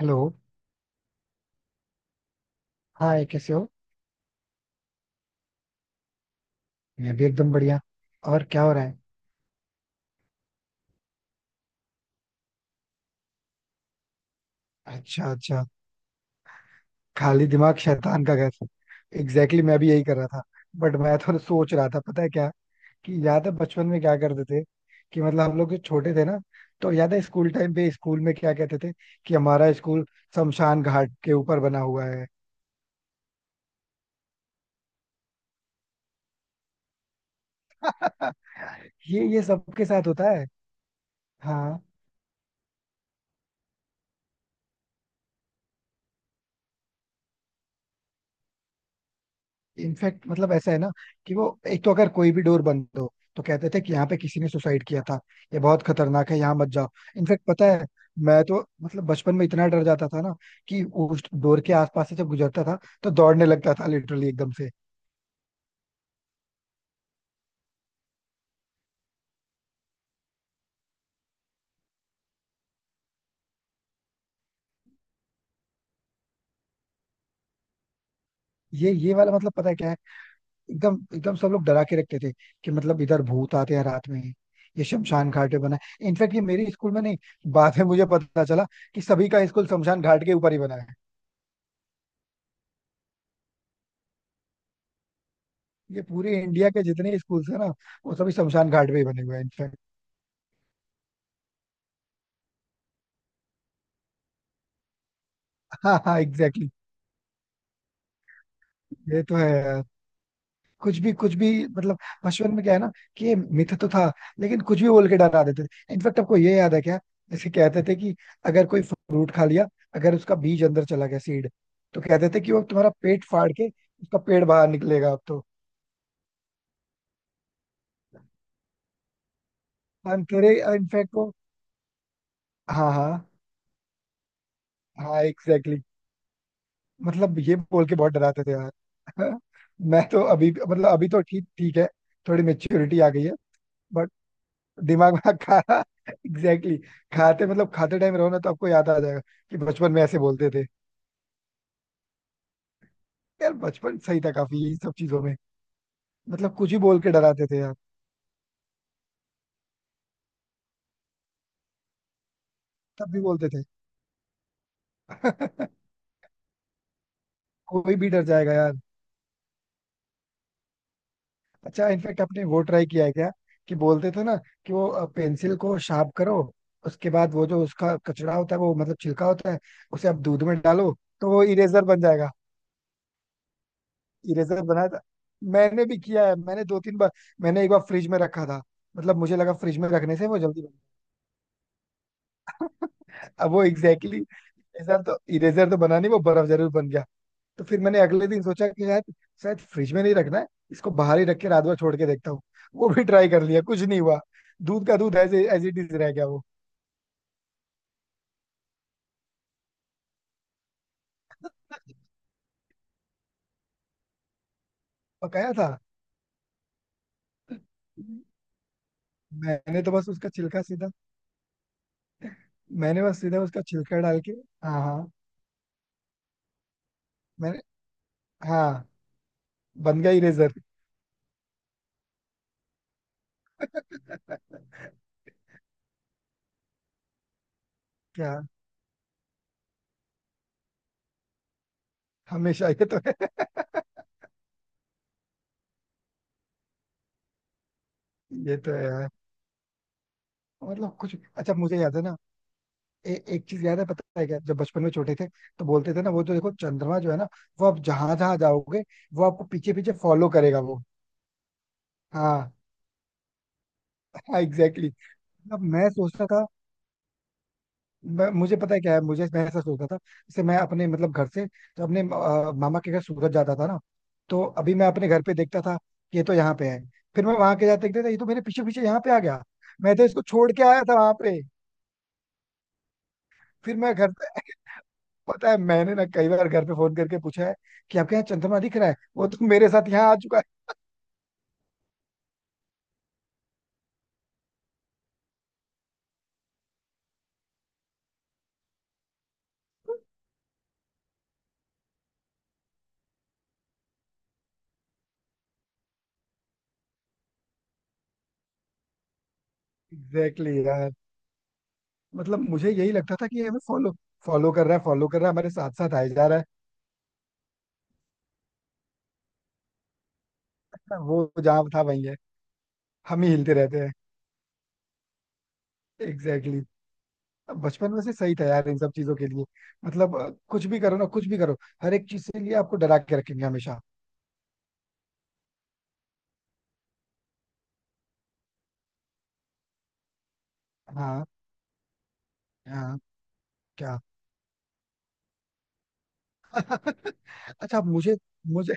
Hello. Hi, कैसे हो? मैं भी एकदम बढ़िया. और क्या हो रहा है? अच्छा, अच्छा. खाली दिमाग शैतान का घर. एग्जैक्टली exactly, मैं भी यही कर रहा था. बट मैं तो सोच रहा था, पता है क्या? कि याद है बचपन में क्या करते थे? कि मतलब हम लोग जो छोटे थे ना, तो याद है स्कूल टाइम पे स्कूल में क्या कहते थे? कि हमारा स्कूल शमशान घाट के ऊपर बना हुआ है. ये सबके साथ होता है. हाँ. इनफैक्ट मतलब ऐसा है ना, कि वो एक तो अगर कोई भी डोर बंद हो तो कहते थे कि यहाँ पे किसी ने सुसाइड किया था. ये बहुत खतरनाक है, यहाँ मत जाओ. इनफैक्ट पता है, मैं तो मतलब बचपन में इतना डर जाता था ना, कि उस डोर के आसपास से जब गुजरता था तो दौड़ने लगता था, लिटरली एकदम से. ये वाला मतलब पता है क्या है? एकदम एकदम सब लोग डरा के रखते थे, कि मतलब इधर भूत आते हैं रात में. ये शमशान घाट पे बना है इनफैक्ट, ये मेरे स्कूल में नहीं. बाद में मुझे पता चला कि सभी का स्कूल शमशान घाट के ऊपर ही बना है. ये पूरे इंडिया के जितने स्कूल्स हैं ना, वो सभी शमशान घाट पे ही बने हुए हैं इनफैक्ट. हाँ, हाँ, एग्जैक्टली. ये तो है यार. कुछ भी कुछ भी, मतलब. बचपन में क्या है ना, कि ये मिथ तो था, लेकिन कुछ भी बोल के डरा देते थे. इनफैक्ट आपको ये याद है क्या? जैसे कहते थे कि, अगर कोई फ्रूट खा लिया, अगर उसका बीज अंदर चला गया, सीड, तो कहते थे कि वो तुम्हारा पेट फाड़ के उसका पेड़ बाहर निकलेगा अब तो. हम तेरे इनफैक्ट वो. हाँ, हाँ. हाँ, एग्जैक्टली. मतलब ये बोल के बहुत डराते थे यार. मैं तो अभी मतलब अभी तो ठीक ठीक है, थोड़ी मेच्योरिटी आ गई है. बट दिमाग में खाना. एग्जैक्टली exactly, खाते मतलब खाते टाइम रहो ना तो आपको याद आ जाएगा कि बचपन में ऐसे बोलते थे. यार बचपन सही था काफी इन सब चीजों में, मतलब कुछ ही बोल के डराते थे यार. तब भी बोलते थे. कोई भी डर जाएगा यार. अच्छा, इनफेक्ट आपने वो ट्राई किया है क्या? कि बोलते थे ना, कि वो पेंसिल को शार्प करो, उसके बाद वो जो उसका कचरा होता है वो मतलब छिलका होता है, उसे आप दूध में डालो, तो वो इरेजर बन जाएगा. इरेजर बना था. मैंने भी किया है, मैंने दो तीन बार. मैंने एक बार फ्रिज में रखा था, मतलब मुझे लगा फ्रिज में रखने से वो जल्दी बन. अब वो एग्जैक्टली exactly, इरेजर तो बना नहीं, वो बर्फ जरूर बन गया. तो फिर मैंने अगले दिन सोचा कि शायद शायद फ्रिज में नहीं रखना है, इसको बाहर ही रख के रात भर छोड़ के देखता हूँ. वो भी ट्राई कर लिया, कुछ नहीं हुआ. दूध का दूध एज एज इट इज रह गया वो. पकाया था. मैंने तो बस उसका छिलका सीधा, मैंने बस सीधा उसका छिलका डाल के, हाँ, हाँ. मैंने, हाँ, बन गया इरेजर. क्या? हमेशा, ये तो है. ये तो है यार. मतलब कुछ अच्छा मुझे याद है ना, ए, एक चीज याद है, पता है क्या? जब बचपन में छोटे थे तो बोलते थे ना, वो तो देखो, चंद्रमा जो है ना, वो आप जहां जहां जाओगे, वो आपको पीछे पीछे फॉलो करेगा वो. हाँ. हाँ, एग्जैक्टली exactly. मतलब मैं सोचता था, मुझे पता है क्या है, मुझे मैं ऐसा सोचता था जैसे मैं अपने मतलब घर से तो अपने मामा के घर सूरत जाता था ना, तो अभी मैं अपने घर पे देखता था कि ये तो यहाँ पे है. फिर मैं वहां के जाते देखता था, ये तो मेरे पीछे पीछे यहाँ पे आ गया. मैं तो इसको छोड़ के आया था वहां पे. फिर मैं घर पता है मैंने ना कई बार घर पे फोन करके पूछा है कि आपके यहाँ चंद्रमा दिख रहा है? वो तो मेरे साथ यहाँ आ चुका है. एग्जैक्टली exactly यार. मतलब मुझे यही लगता था कि ये हमें फॉलो, फॉलो कर रहा है, फॉलो कर रहा है, हमारे साथ साथ आए जा रहा है. अच्छा, वो जहाँ था वहीं है. हम ही हिलते रहते हैं. Exactly exactly. बचपन में से सही था यार इन सब चीजों के लिए, मतलब कुछ भी करो ना, कुछ भी करो, हर एक चीज से लिए आपको डरा के रखेंगे हमेशा. हाँ, हाँ. क्या? अच्छा, मुझे मुझे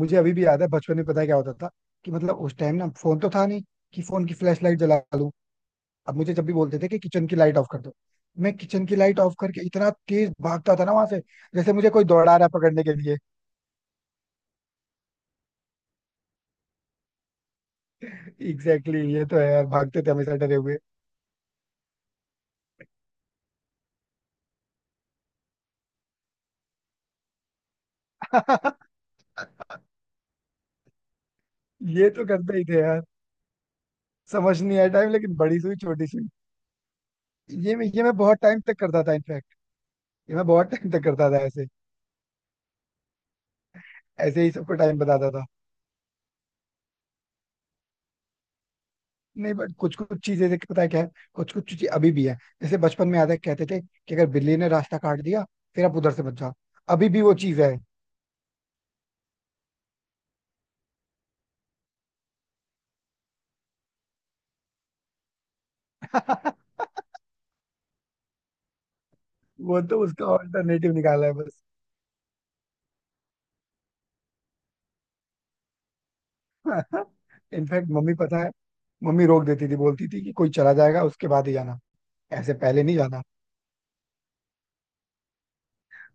मुझे अभी भी याद है बचपन में, पता है क्या होता था? कि मतलब उस टाइम ना फोन तो था नहीं, कि फोन की फ्लैश लाइट जला लूं. अब मुझे जब भी बोलते थे कि किचन की लाइट ऑफ कर दो, मैं किचन की लाइट ऑफ करके इतना तेज भागता था ना वहां से, जैसे मुझे कोई दौड़ा रहा है पकड़ने के लिए. एग्जैक्टली exactly, ये तो है यार, भागते थे हमेशा डरे हुए. ये तो करते ही थे यार. समझ नहीं आया टाइम, लेकिन बड़ी सुई छोटी सुई. ये मैं बहुत टाइम तक करता था इनफैक्ट, ये मैं बहुत टाइम तक करता था ऐसे. ऐसे ही सबको टाइम बताता था. नहीं, बट कुछ कुछ चीजें देखिए, पता है क्या है? कुछ कुछ चीजें अभी भी है, जैसे बचपन में याद है कहते थे कि अगर बिल्ली ने रास्ता काट दिया, फिर आप उधर से बच जाओ. अभी भी वो चीज है. वो तो उसका ऑल्टरनेटिव निकाला है बस. इनफैक्ट मम्मी पता है, मम्मी रोक देती थी, बोलती थी कि कोई चला जाएगा उसके बाद ही जाना, ऐसे पहले नहीं जाना.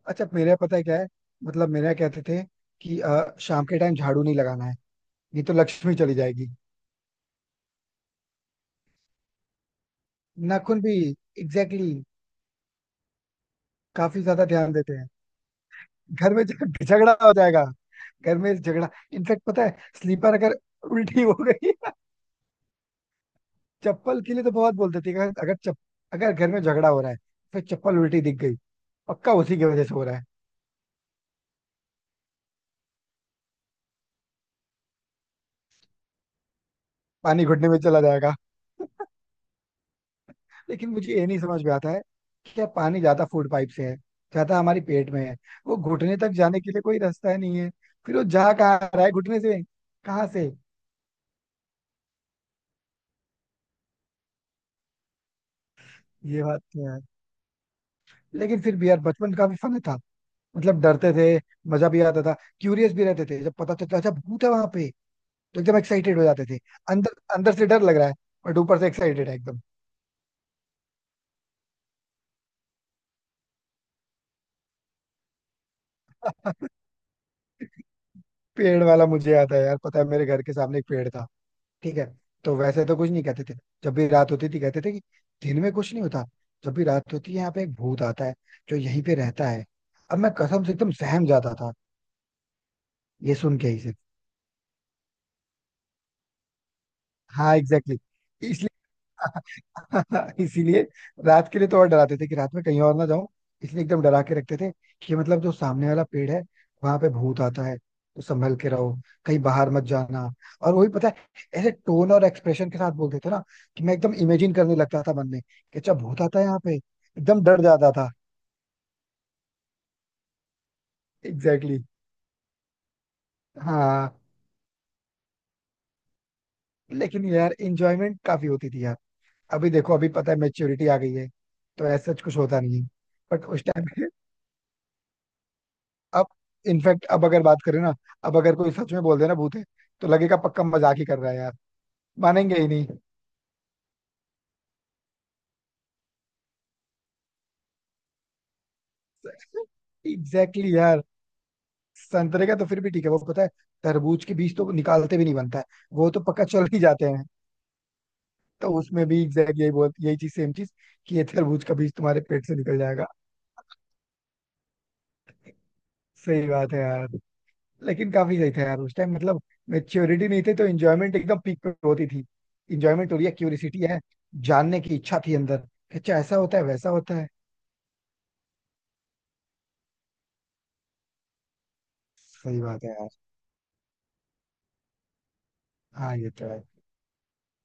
अच्छा, मेरे यहाँ पता है क्या है? मतलब मेरे यहाँ कहते थे कि शाम के टाइम झाड़ू नहीं लगाना है, नहीं तो लक्ष्मी चली जाएगी. नाखून भी. एग्जैक्टली exactly, काफी ज्यादा ध्यान देते हैं. घर में झगड़ा हो जाएगा. घर में झगड़ा इनफेक्ट, पता है स्लीपर अगर उल्टी हो गई. चप्पल के लिए तो बहुत बोलते थे कि अगर अगर चप अगर घर में झगड़ा हो रहा है, फिर चप्पल उल्टी दिख गई, पक्का उसी की वजह से हो रहा है. पानी घुटने में चला जाएगा. लेकिन मुझे ये नहीं समझ में आता है, कि क्या पानी ज्यादा फूड पाइप से है, ज्यादा हमारी पेट में है. वो घुटने तक जाने के लिए कोई रास्ता ही नहीं है, फिर वो जा कहाँ रहा है घुटने से? कहाँ से? ये बात तो है. लेकिन फिर भी यार बचपन काफी फन था. मतलब डरते थे, मजा भी आता था, क्यूरियस भी रहते थे, जब पता चलता अच्छा भूत है वहां पे तो एकदम एक्साइटेड हो जाते थे. अंदर अंदर से डर लग रहा है, बट ऊपर से एक्साइटेड है एकदम. पेड़ वाला मुझे आता है यार, पता है, मेरे घर के सामने एक पेड़ था. ठीक है. तो वैसे तो कुछ नहीं कहते थे, जब भी रात होती थी कहते थे कि दिन में कुछ नहीं होता, जब भी रात होती है यहाँ पे एक भूत आता है, जो यहीं पे रहता है. अब मैं कसम से एकदम सहम जाता था, ये सुन के ही सिर्फ. हाँ, एग्जैक्टली exactly. इसीलिए रात के लिए तो और डराते थे कि रात में कहीं और ना जाऊं, इसलिए एकदम डरा के रखते थे कि मतलब जो सामने वाला पेड़ है, वहां पे भूत आता है, तो संभल के रहो, कहीं बाहर मत जाना. और वही, पता है, ऐसे टोन और एक्सप्रेशन के साथ बोलते थे ना, कि मैं एकदम इमेजिन करने लगता था मन में कि अच्छा भूत आता है यहाँ पे, एकदम डर जाता था. Exactly exactly. हाँ. लेकिन यार इंजॉयमेंट काफी होती थी यार. अभी देखो, अभी पता है मेच्योरिटी आ गई है, तो ऐसा कुछ होता नहीं है. बट उस टाइम, अब इनफैक्ट, अब अगर बात करें ना, अब अगर कोई सच में बोल देना भूत है, तो लगेगा पक्का मजाक ही कर रहा है यार. मानेंगे ही नहीं. एग्जैक्टली exactly यार. संतरे का तो फिर भी ठीक है वो, पता है, तरबूज के बीज तो निकालते भी नहीं बनता है. वो तो पक्का चल ही जाते हैं. तो उसमें भी एग्जैक्ट यही चीज सेम चीज, कि ये तरबूज का बीज तुम्हारे पेट से निकल जाएगा. सही बात है यार. लेकिन काफी सही था यार उस टाइम, मतलब मेच्योरिटी नहीं थी तो इंजॉयमेंट एकदम पीक पे होती थी. इंजॉयमेंट हो रही है, क्यूरिसिटी है, जानने की इच्छा थी अंदर, कि अच्छा ऐसा होता है वैसा होता है. सही बात है यार. हाँ, ये तो है.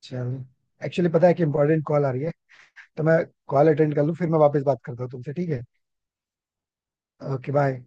चलो, एक्चुअली पता है कि इंपॉर्टेंट कॉल आ रही है, तो मैं कॉल अटेंड कर लूँ फिर मैं वापस बात करता हूँ तुमसे, ठीक है? Okay, bye.